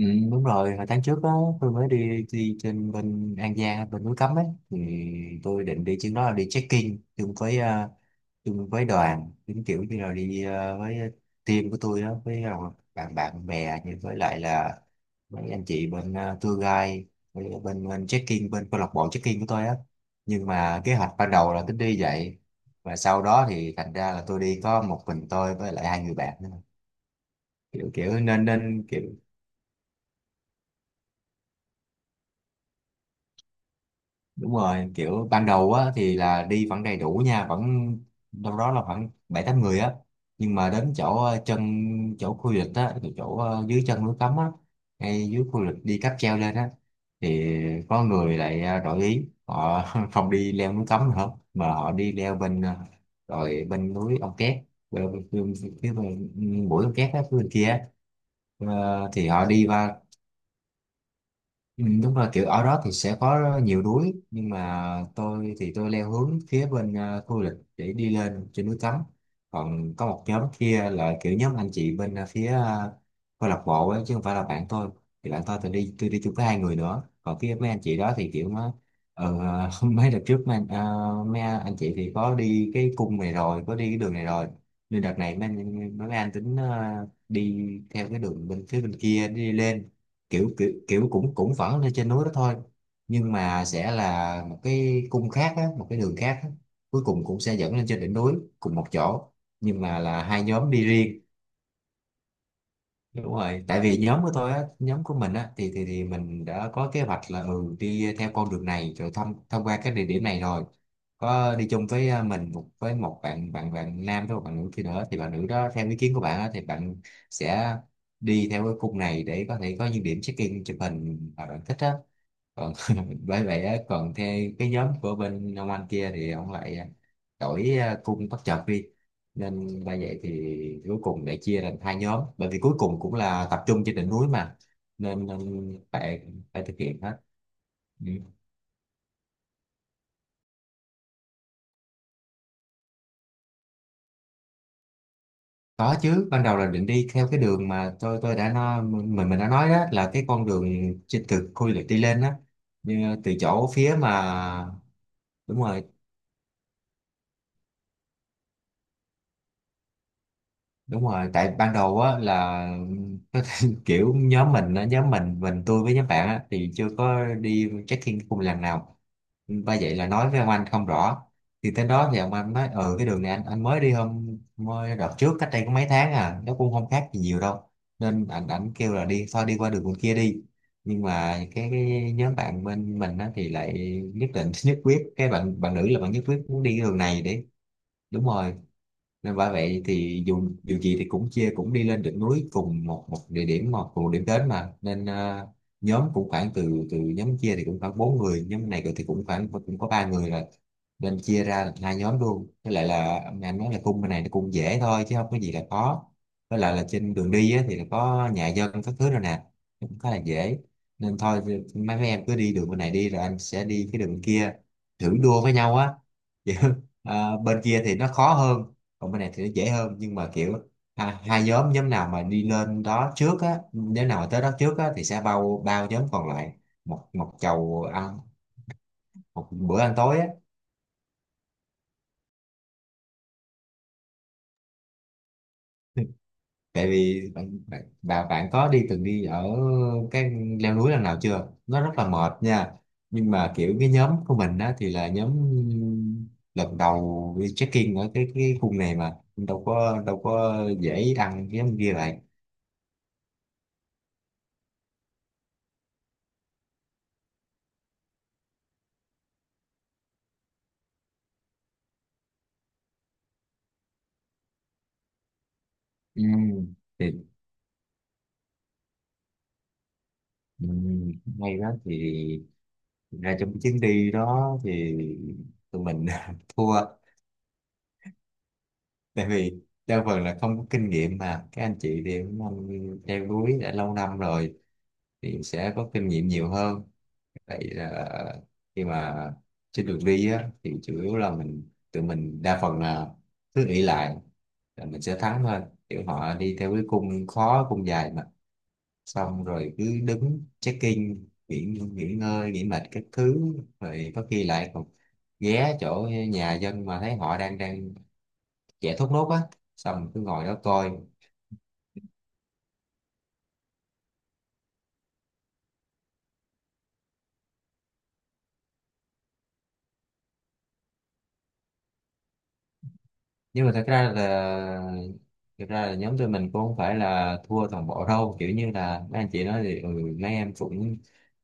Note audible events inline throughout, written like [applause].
Ừ, đúng rồi, hồi tháng trước á, tôi mới đi đi trên bên An Giang, bên núi Cấm ấy, thì tôi định đi chuyến đó là đi check-in chung với chung với đoàn, giống kiểu như là đi với team của tôi đó, với bạn bạn bè, như với lại là mấy anh chị bên tour guide, với bên bên check-in, bên câu lạc bộ check-in của tôi á. Nhưng mà kế hoạch ban đầu là tính đi vậy, và sau đó thì thành ra là tôi đi có một mình tôi với lại hai người bạn nữa. Kiểu kiểu nên nên kiểu đúng rồi, kiểu ban đầu á thì là đi vẫn đầy đủ nha, vẫn đâu đó là khoảng bảy tám người á, nhưng mà đến chỗ chân, chỗ khu du lịch á, chỗ chỗ, ờ, dưới chân núi cấm á, ngay dưới khu du lịch đi cáp treo lên á, thì có người lại đổi ý họ [laughs] không đi leo núi cấm nữa mà họ đi leo rồi bên núi Ông Két, bên, bên, bên, bên, bên, bên, bên, bên, bên, bên, kia á. Ờ, thì họ đi qua. Ừ, đúng rồi kiểu ở đó thì sẽ có nhiều núi, nhưng mà tôi thì tôi leo hướng phía bên khu du lịch để đi lên trên núi Cấm, còn có một nhóm kia là kiểu nhóm anh chị bên câu lạc bộ ấy, chứ không phải là bạn tôi. Thì bạn tôi, tôi đi chung với hai người nữa, còn phía mấy anh chị đó thì kiểu mà ờ, [laughs] mấy đợt trước mấy anh chị thì có đi cái cung này rồi, có đi cái đường này rồi, nên đợt này mấy anh tính đi theo cái đường bên phía bên kia đi lên. Kiểu kiểu kiểu cũng cũng vẫn lên trên núi đó thôi, nhưng mà sẽ là một cái cung khác á, một cái đường khác á, cuối cùng cũng sẽ dẫn lên trên đỉnh núi cùng một chỗ, nhưng mà là hai nhóm đi riêng. Đúng rồi, tại vì nhóm của tôi á, nhóm của mình á, thì mình đã có kế hoạch là ừ đi theo con đường này rồi, thông thông qua cái địa điểm này rồi, có đi chung với à, mình một với một bạn, bạn nam với một bạn nữ kia nữa, thì bạn nữ đó theo ý kiến của bạn á, thì bạn sẽ đi theo cái khung này để có thể có những điểm check-in chụp hình mà bạn thích á. Còn [laughs] bởi vậy á, còn theo cái nhóm của bên ông anh kia thì ông lại đổi à, cung bất chợt đi, nên đã vậy thì cuối cùng để chia thành hai nhóm, bởi vì cuối cùng cũng là tập trung trên đỉnh núi mà, nên, nên phải, phải thực hiện hết. Ừ. Có chứ, ban đầu là định đi theo cái đường mà tôi đã nói, mình đã nói, đó là cái con đường trên từ khu du lịch đi lên đó. Nhưng từ chỗ phía mà đúng rồi, đúng rồi, tại ban đầu á là [laughs] kiểu nhóm mình á, nhóm mình tôi với nhóm bạn á thì chưa có đi trekking cùng lần nào. Ba vậy là nói với ông anh không rõ, thì tới đó thì ông anh nói ừ cái đường này anh mới đi hôm mới đợt trước cách đây có mấy tháng à, nó cũng không khác gì nhiều đâu, nên anh ảnh kêu là đi thôi, đi qua đường bên kia đi, nhưng mà cái nhóm bạn bên mình á, thì lại nhất định [laughs] nhất quyết, cái bạn bạn nữ là bạn nhất quyết muốn đi cái đường này để đúng rồi, nên bởi vậy thì dù dù gì thì cũng chia, cũng đi lên được núi cùng một một địa điểm, cùng một điểm đến mà, nên nhóm cũng khoảng từ từ nhóm chia thì cũng khoảng bốn người, nhóm này thì cũng khoảng cũng có ba người rồi, nên chia ra làm hai nhóm luôn, với lại là anh nói là cung bên này nó cũng dễ thôi chứ không có gì là khó, với lại là trên đường đi á, thì là có nhà dân các thứ rồi nè, cũng khá là dễ, nên thôi thì mấy mấy em cứ đi đường bên này đi, rồi anh sẽ đi cái đường kia, thử đua với nhau á. [laughs] Chứ, bên kia thì nó khó hơn, còn bên này thì nó dễ hơn, nhưng mà kiểu hai nhóm, nhóm nào mà đi lên đó trước á, nhóm nào mà tới đó trước á, thì sẽ bao bao nhóm còn lại một một chầu ăn, một bữa ăn tối á. Tại vì bạn có đi, từng đi ở cái leo núi lần nào chưa, nó rất là mệt nha, nhưng mà kiểu cái nhóm của mình á thì là nhóm lần đầu đi trekking ở cái khu này, mà đâu có, đâu có dễ đăng cái nhóm kia vậy. Ừ. Thì ừ, hay đó thì thực ra trong cái chuyến đi đó thì tụi mình [laughs] thua, tại vì đa phần là không có kinh nghiệm, mà các anh chị thì cũng anh leo núi đã lâu năm rồi, thì sẽ có kinh nghiệm nhiều hơn. Vậy là khi mà trên đường đi á, thì chủ yếu là tụi mình đa phần là cứ nghĩ lại là mình sẽ thắng thôi, kiểu họ đi theo cái cung khó, cung dài mà, xong rồi cứ đứng check-in nghỉ, nghỉ ngơi, nghỉ mệt các thứ, rồi có khi lại còn ghé chỗ nhà dân mà thấy họ đang đang chạy thốt nốt á, xong cứ ngồi đó coi. Nhưng mà thật ra là, thực ra là nhóm tụi mình cũng không phải là thua toàn bộ đâu, kiểu như là mấy anh chị nói thì ừ, mấy em cũng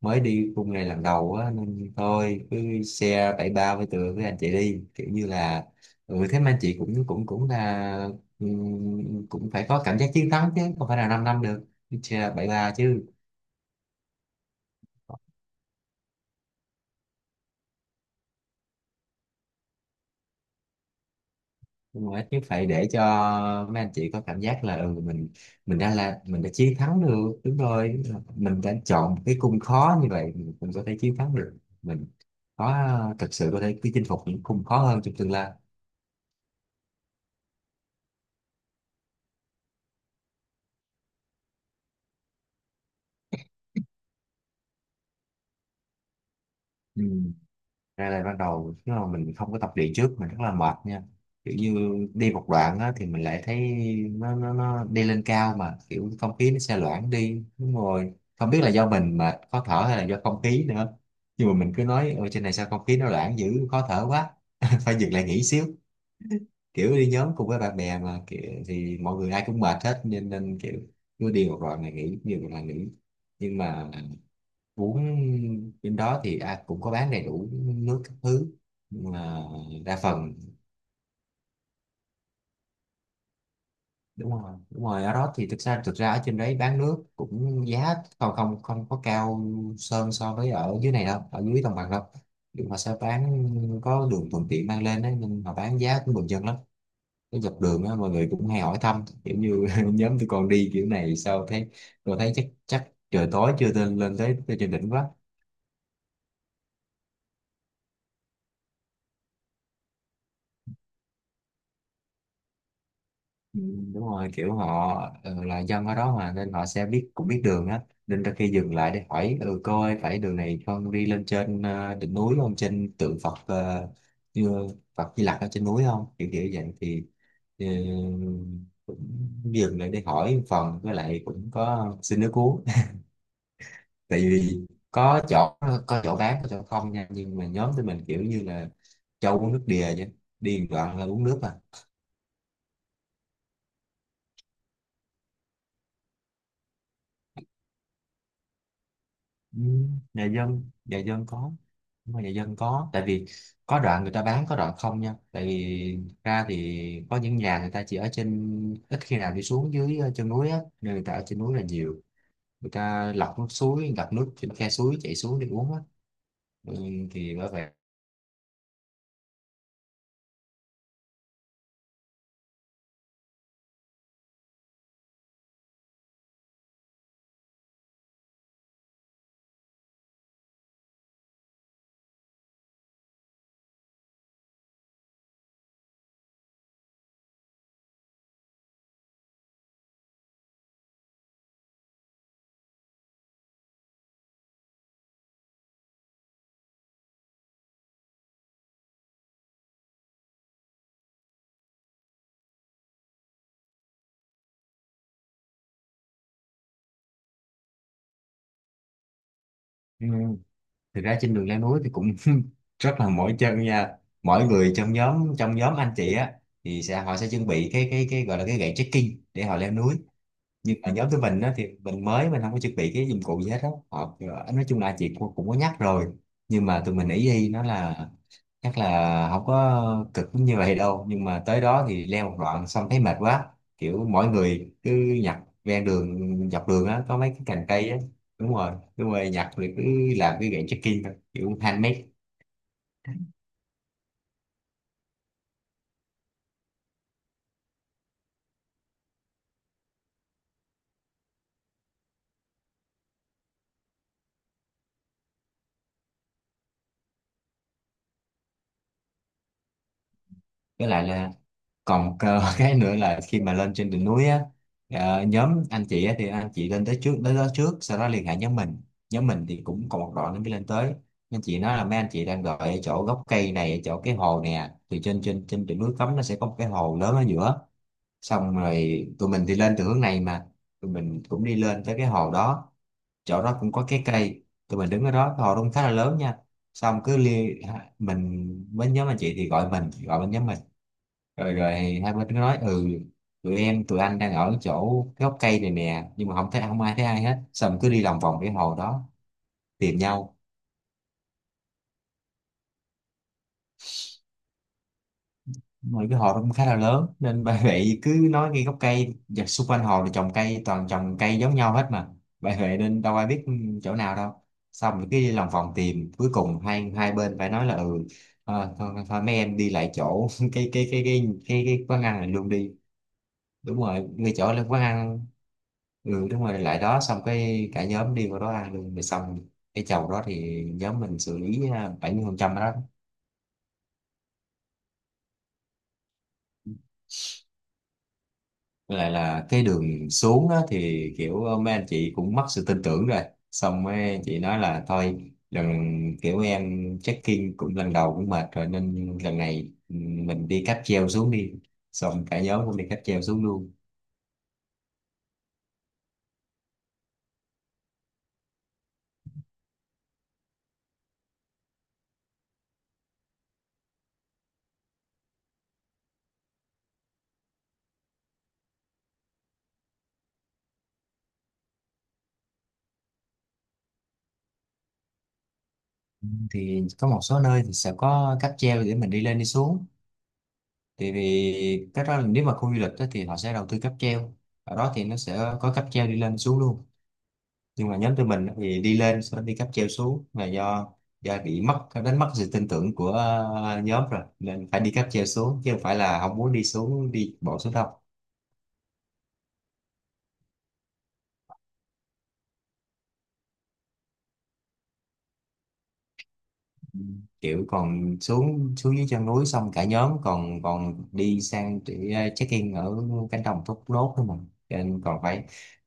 mới đi khung này lần đầu á, nên thôi cứ share bảy ba với tụi, với anh chị đi, kiểu như là ừ thế mà anh chị cũng cũng cũng là cũng phải có cảm giác chiến thắng, chứ không phải là 5 năm năm được. Cứ share bảy ba chứ. Nhưng mà rồi chứ phải để cho mấy anh chị có cảm giác là ừ, mình đã là mình đã chiến thắng được, đúng rồi, mình đã chọn một cái cung khó như vậy, mình cũng có thể chiến thắng được. Mình có, thực sự có thể chinh phục những cung khó hơn trong tương lai. Ừ. Ra là ban đầu nếu mà mình không có tập luyện trước mình rất là mệt nha, kiểu như đi một đoạn á, thì mình lại thấy nó đi lên cao mà kiểu không khí nó xe loãng đi, đúng rồi, không biết là do mình mà khó thở hay là do không khí nữa, nhưng mà mình cứ nói ở trên này sao không khí nó loãng dữ, khó thở quá, [laughs] phải dừng lại nghỉ xíu, kiểu đi nhóm cùng với bạn bè mà kiểu, thì mọi người ai cũng mệt hết, nên nên kiểu cứ đi một đoạn này nghỉ, nhiều đoạn là nghỉ. Nhưng mà bún bên đó thì à, cũng có bán đầy đủ nước các thứ, nhưng mà đa phần đúng rồi, đúng rồi, ở đó thì thực ra, thực ra ở trên đấy bán nước cũng giá còn không không có cao sơn so với ở dưới này đâu, ở dưới đồng bằng đâu, nhưng mà sẽ bán có đường thuận tiện mang lên đấy, nên mà bán giá cũng bình dân lắm. Cái dọc đường á mọi người cũng hay hỏi thăm, kiểu như [laughs] nhóm tôi còn đi kiểu này sao thấy tôi thấy chắc, trời tối chưa lên, lên tới, tới trên đỉnh quá. Ừ, đúng rồi kiểu họ là dân ở đó mà nên họ sẽ biết, cũng biết đường á, nên đôi khi dừng lại để hỏi ừ cô phải đường này con đi lên trên đỉnh núi không, trên tượng Phật như Phật Di Lặc ở trên núi không, kiểu kiểu vậy thì ờ, cũng dừng lại để hỏi một phần, với lại cũng có xin nước uống. [laughs] Tại vì có chỗ, có chỗ bán, có chỗ không nha, nhưng mà nhóm tụi mình kiểu như là cho uống nước đìa chứ, đi một đoạn là uống nước à. Ừ, nhà dân có, nhưng mà nhà dân có, tại vì có đoạn người ta bán, có đoạn không nha, tại vì thực ra thì có những nhà người ta chỉ ở trên, ít khi nào đi xuống dưới chân núi á, nên người ta ở trên núi là nhiều. Người ta lọc nước suối, gặp nước trên khe suối chảy xuống để uống á. Ừ, thì bởi vậy ừ. Thực ra trên đường leo núi thì cũng [laughs] rất là mỏi chân nha. Mỗi người trong nhóm anh chị á thì sẽ họ sẽ chuẩn bị cái gọi là cái gậy trekking để họ leo núi. Nhưng ở nhóm tụi mình á, thì mình không có chuẩn bị cái dụng cụ gì hết á. Họ nói chung là chị cũng cũng có nhắc rồi, nhưng mà tụi mình ý y nó là chắc là không có cực như vậy đâu, nhưng mà tới đó thì leo một đoạn xong thấy mệt quá, kiểu mỗi người cứ nhặt ven đường dọc đường á có mấy cái cành cây á. Đúng rồi, đúng rồi, nhặt rồi cứ làm cái gậy trekking thôi, kiểu handmade. Với lại là còn cơ [laughs] cái nữa là khi mà lên trên đỉnh núi á, nhóm anh chị á, thì anh chị lên tới trước, tới đó trước sau đó liên hệ nhóm mình. Nhóm mình thì cũng còn một đoạn nữa mới lên tới. Anh chị nói là mấy anh chị đang đợi ở chỗ gốc cây này, ở chỗ cái hồ nè, thì trên trên trên đỉnh núi cấm nó sẽ có một cái hồ lớn ở giữa. Xong rồi tụi mình thì lên từ hướng này, mà tụi mình cũng đi lên tới cái hồ đó, chỗ đó cũng có cái cây, tụi mình đứng ở đó, cái hồ đó cũng khá là lớn nha. Xong cứ liên mình với nhóm anh chị thì gọi, mình gọi bên nhóm mình, rồi rồi hai bên cứ nói ừ, tụi em tụi anh đang ở chỗ cái gốc cây này nè, nhưng mà không thấy, không ai thấy ai hết. Xong rồi cứ đi lòng vòng cái hồ đó tìm nhau, mà cái hồ đó cũng khá là lớn nên [laughs] bà vệ cứ nói ngay gốc cây, và xung quanh hồ thì trồng cây, toàn trồng cây giống nhau hết mà bà vệ, nên đâu ai biết chỗ nào đâu. Xong rồi cứ đi lòng vòng tìm, cuối cùng hai hai bên phải nói là ừ, thôi, thôi mấy em đi lại chỗ [laughs] cái quán ăn này luôn đi. Đúng rồi, ngay chỗ là quán ăn. Ừ, đúng rồi, lại đó xong cái cả nhóm đi qua đó ăn luôn rồi xong. Cái chầu đó thì nhóm mình xử lý à, 70% phần trăm đó. Với lại là cái đường xuống á, thì kiểu mấy anh chị cũng mất sự tin tưởng rồi. Xong mấy anh chị nói là thôi lần, kiểu em check-in cũng lần đầu cũng mệt rồi, nên lần này ừ, mình đi cáp treo xuống đi. Xong cả nhóm cũng đi cáp treo xuống luôn. Thì có một số nơi thì sẽ có cáp treo để mình đi lên đi xuống. Thì, vì cái đó là nếu mà khu du lịch á, thì họ sẽ đầu tư cáp treo, ở đó thì nó sẽ có cáp treo đi lên xuống luôn. Nhưng mà nhóm tụi mình á, thì đi lên sau đó đi cáp treo xuống là do bị mất, đánh mất sự tin tưởng của nhóm rồi, nên phải đi cáp treo xuống chứ không phải là không muốn đi xuống, đi bộ xuống đâu. Kiểu còn xuống, xuống dưới chân núi xong cả nhóm còn còn đi sang để check in ở cánh đồng thốt nốt thôi mà. Cho nên còn phải,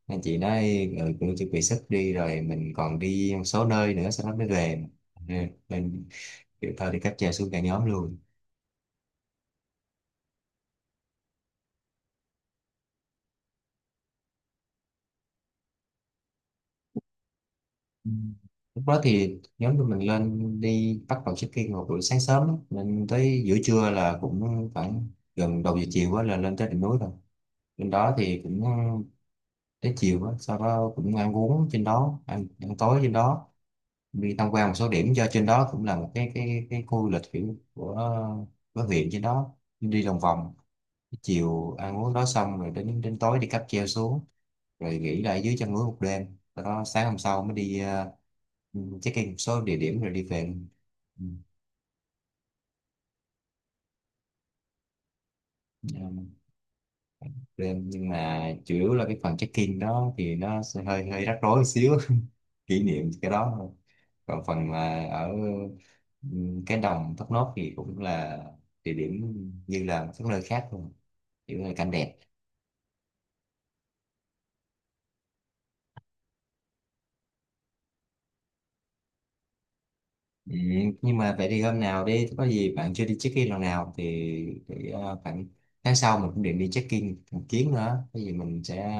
nên chị nói ừ, cũng chuẩn bị sức đi rồi, mình còn đi một số nơi nữa sau đó mới về. Ừ, nên kiểu thôi thì cáp treo xuống cả nhóm luôn. Ừ. Lúc đó thì nhóm tụi mình lên đi, bắt đầu check in vào buổi sáng sớm á, nên tới giữa trưa là cũng khoảng gần đầu giờ chiều quá là lên tới đỉnh núi rồi. Bên đó thì cũng tới chiều á, sau đó cũng ăn uống trên đó, ăn, ăn tối trên đó, đi tham quan một số điểm do trên đó cũng là một cái khu du lịch kiểu của huyện, trên đó đi lòng vòng. Tới chiều ăn uống đó xong rồi, đến đến tối đi cáp treo xuống, rồi nghỉ lại dưới chân núi một đêm, sau đó sáng hôm sau mới đi. Uh, check in một số địa điểm rồi đi về. Ừ, ờ, đêm nhưng mà chủ yếu là cái phần check in đó thì nó sẽ hơi hơi rắc rối một xíu [laughs] kỷ niệm cái đó thôi. Còn phần mà ở cái đồng Thốt Nốt thì cũng là địa điểm như là các nơi khác luôn, kiểu là cảnh đẹp. Ừm, nhưng mà vậy thì hôm nào đi có gì bạn chưa đi check-in lần nào thì khoảng tháng sau mình cũng định đi check-in một chuyến nữa, có gì mình sẽ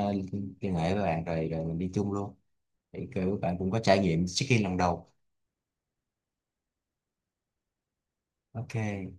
liên hệ với bạn, rồi rồi mình đi chung luôn, thì kiểu bạn cũng có trải nghiệm check-in lần đầu. Ok.